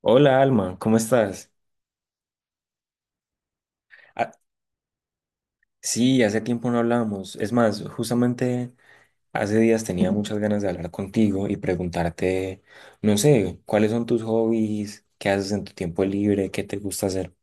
Hola Alma, ¿cómo estás? Ah, sí, hace tiempo no hablamos. Es más, justamente hace días tenía muchas ganas de hablar contigo y preguntarte, no sé, ¿cuáles son tus hobbies? ¿Qué haces en tu tiempo libre? ¿Qué te gusta hacer?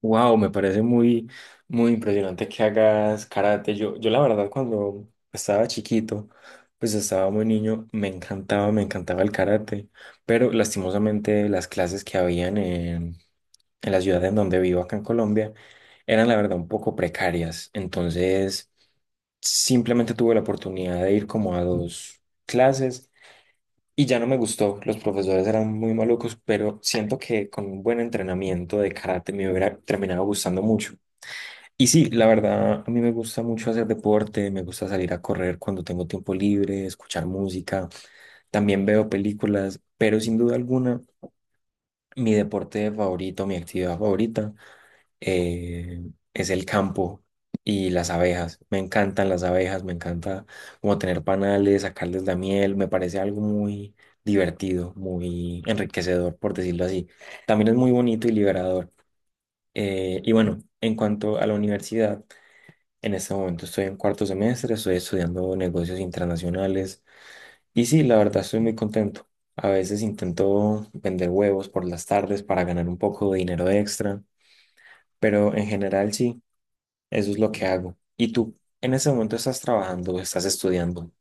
Wow, me parece muy, muy impresionante que hagas karate. Yo la verdad, cuando estaba chiquito, pues estaba muy niño, me encantaba el karate, pero lastimosamente las clases que habían en la ciudad en donde vivo acá en Colombia, eran la verdad un poco precarias. Entonces, simplemente tuve la oportunidad de ir como a dos clases y ya no me gustó. Los profesores eran muy malucos, pero siento que con un buen entrenamiento de karate me hubiera terminado gustando mucho. Y sí, la verdad, a mí me gusta mucho hacer deporte, me gusta salir a correr cuando tengo tiempo libre, escuchar música, también veo películas, pero sin duda alguna, mi deporte favorito, mi actividad favorita es el campo y las abejas. Me encantan las abejas, me encanta como tener panales, sacarles la miel, me parece algo muy divertido, muy enriquecedor, por decirlo así. También es muy bonito y liberador. Y bueno, en cuanto a la universidad, en este momento estoy en cuarto semestre, estoy estudiando negocios internacionales y sí, la verdad estoy muy contento. A veces intento vender huevos por las tardes para ganar un poco de dinero extra, pero en general sí, eso es lo que hago. ¿Y tú en ese momento estás trabajando o estás estudiando?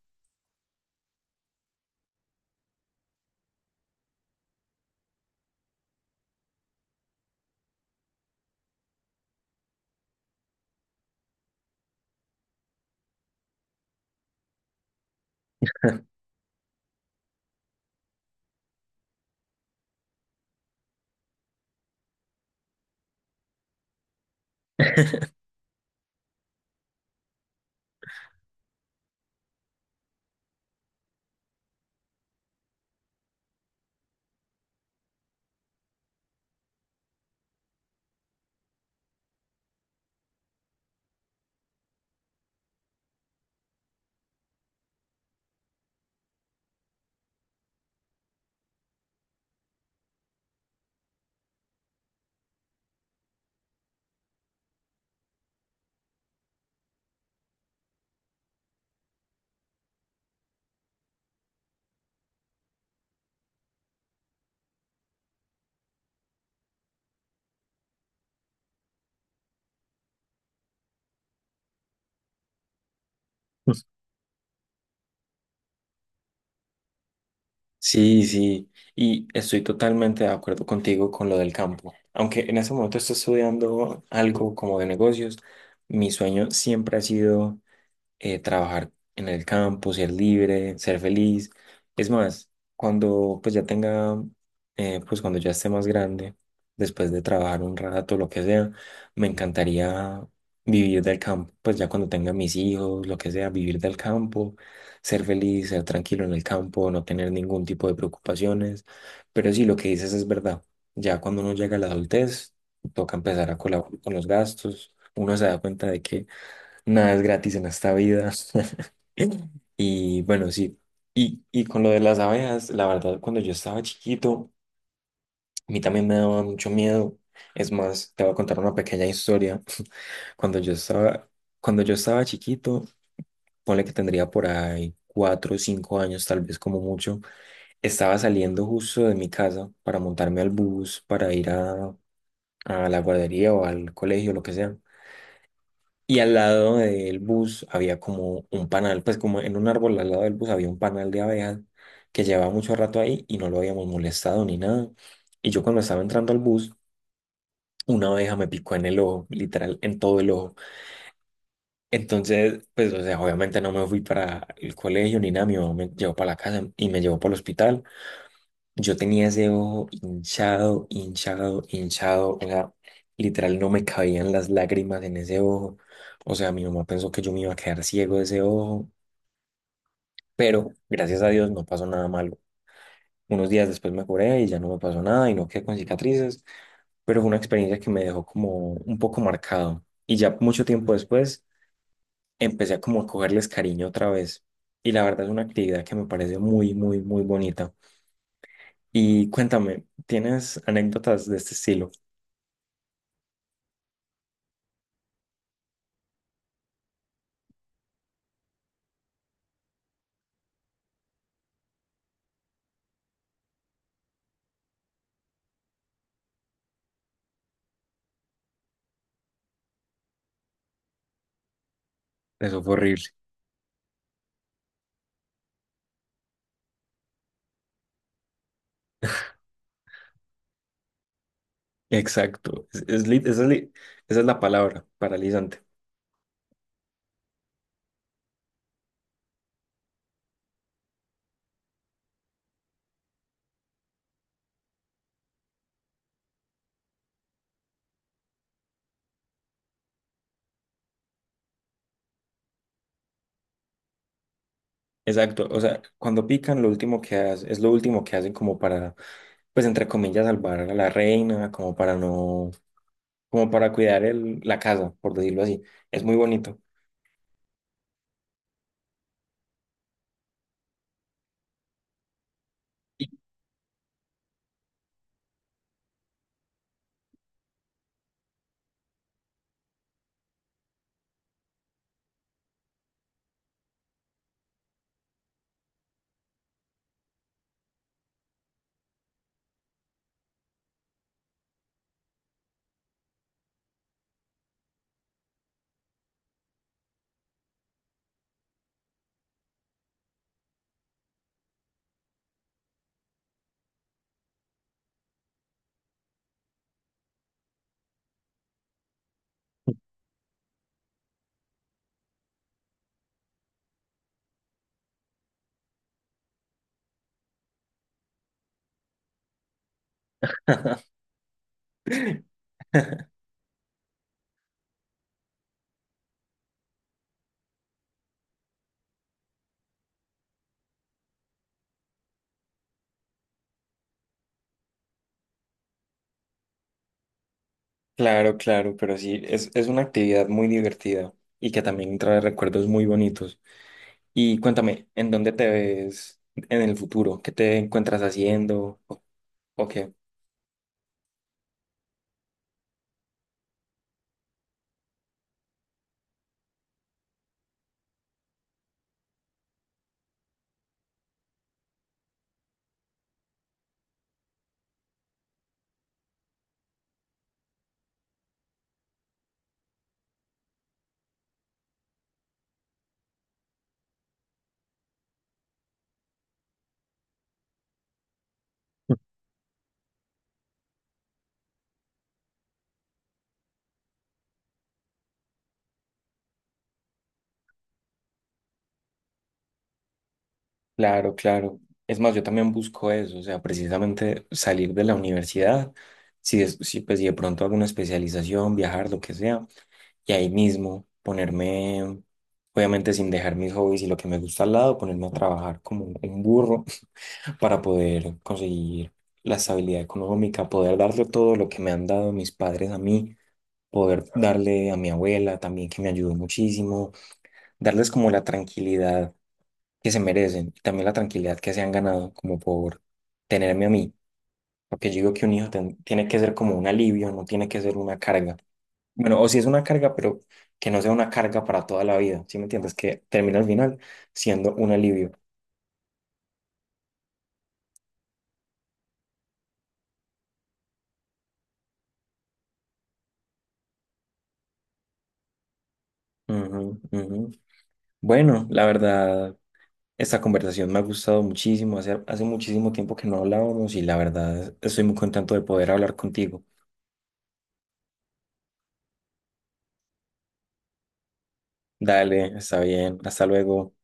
Pues, sí, sí, y estoy totalmente de acuerdo contigo con lo del campo. Aunque en ese momento estoy estudiando algo como de negocios, mi sueño siempre ha sido trabajar en el campo, ser libre, ser feliz. Es más, cuando pues ya tenga, pues cuando ya esté más grande, después de trabajar un rato, lo que sea, me encantaría vivir del campo, pues ya cuando tenga mis hijos, lo que sea, vivir del campo, ser feliz, ser tranquilo en el campo, no tener ningún tipo de preocupaciones. Pero sí, lo que dices es verdad. Ya cuando uno llega a la adultez, toca empezar a colaborar con los gastos. Uno se da cuenta de que nada es gratis en esta vida. Y bueno, sí. Y con lo de las abejas, la verdad, cuando yo estaba chiquito, a mí también me daba mucho miedo. Es más, te voy a contar una pequeña historia. Cuando yo estaba, cuando yo estaba chiquito, ponle que tendría por ahí cuatro o cinco años, tal vez como mucho, estaba saliendo justo de mi casa para montarme al bus, para ir a la guardería o al colegio, lo que sea. Y al lado del bus había como un panal, pues como en un árbol al lado del bus había un panal de abejas que llevaba mucho rato ahí y no lo habíamos molestado ni nada. Y yo cuando estaba entrando al bus, una abeja me picó en el ojo, literal, en todo el ojo. Entonces, pues, o sea, obviamente no me fui para el colegio ni nada, mi mamá me llevó para la casa y me llevó para el hospital. Yo tenía ese ojo hinchado, hinchado, hinchado. O sea, literal no me cabían las lágrimas en ese ojo. O sea, mi mamá pensó que yo me iba a quedar ciego de ese ojo, pero gracias a Dios no pasó nada malo. Unos días después me curé y ya no me pasó nada y no quedé con cicatrices, pero fue una experiencia que me dejó como un poco marcado. Y ya mucho tiempo después empecé a cogerles cariño otra vez. Y la verdad es una actividad que me parece muy, muy, muy bonita. Y cuéntame, ¿tienes anécdotas de este estilo? Eso fue horrible. Exacto. Es lit- esa, es li- esa es la palabra, paralizante. Exacto. O sea, cuando pican, lo último que hacen, es lo último que hacen como para, pues entre comillas, salvar a la reina, como para no, como para cuidar el, la casa, por decirlo así. Es muy bonito. Claro, claro, pero sí, es una actividad muy divertida y que también trae recuerdos muy bonitos. Y cuéntame, ¿en dónde te ves en el futuro? ¿Qué te encuentras haciendo? O qué? Claro, claro. Es más, yo también busco eso, o sea, precisamente salir de la universidad, pues, si de pronto hago una especialización, viajar, lo que sea, y ahí mismo ponerme, obviamente sin dejar mis hobbies y lo que me gusta al lado, ponerme a trabajar como un burro para poder conseguir la estabilidad económica, poder darle todo lo que me han dado mis padres a mí, poder darle a mi abuela también, que me ayudó muchísimo, darles como la tranquilidad que se merecen y también la tranquilidad que se han ganado como por tenerme a mí. Porque yo digo que un hijo tiene que ser como un alivio, no tiene que ser una carga. Bueno, o si es una carga, pero que no sea una carga para toda la vida, ¿sí me entiendes? Que termine al final siendo un alivio. Ujú, ujú. Bueno, la verdad, esta conversación me ha gustado muchísimo. Hace muchísimo tiempo que no hablábamos y la verdad estoy muy contento de poder hablar contigo. Dale, está bien, hasta luego.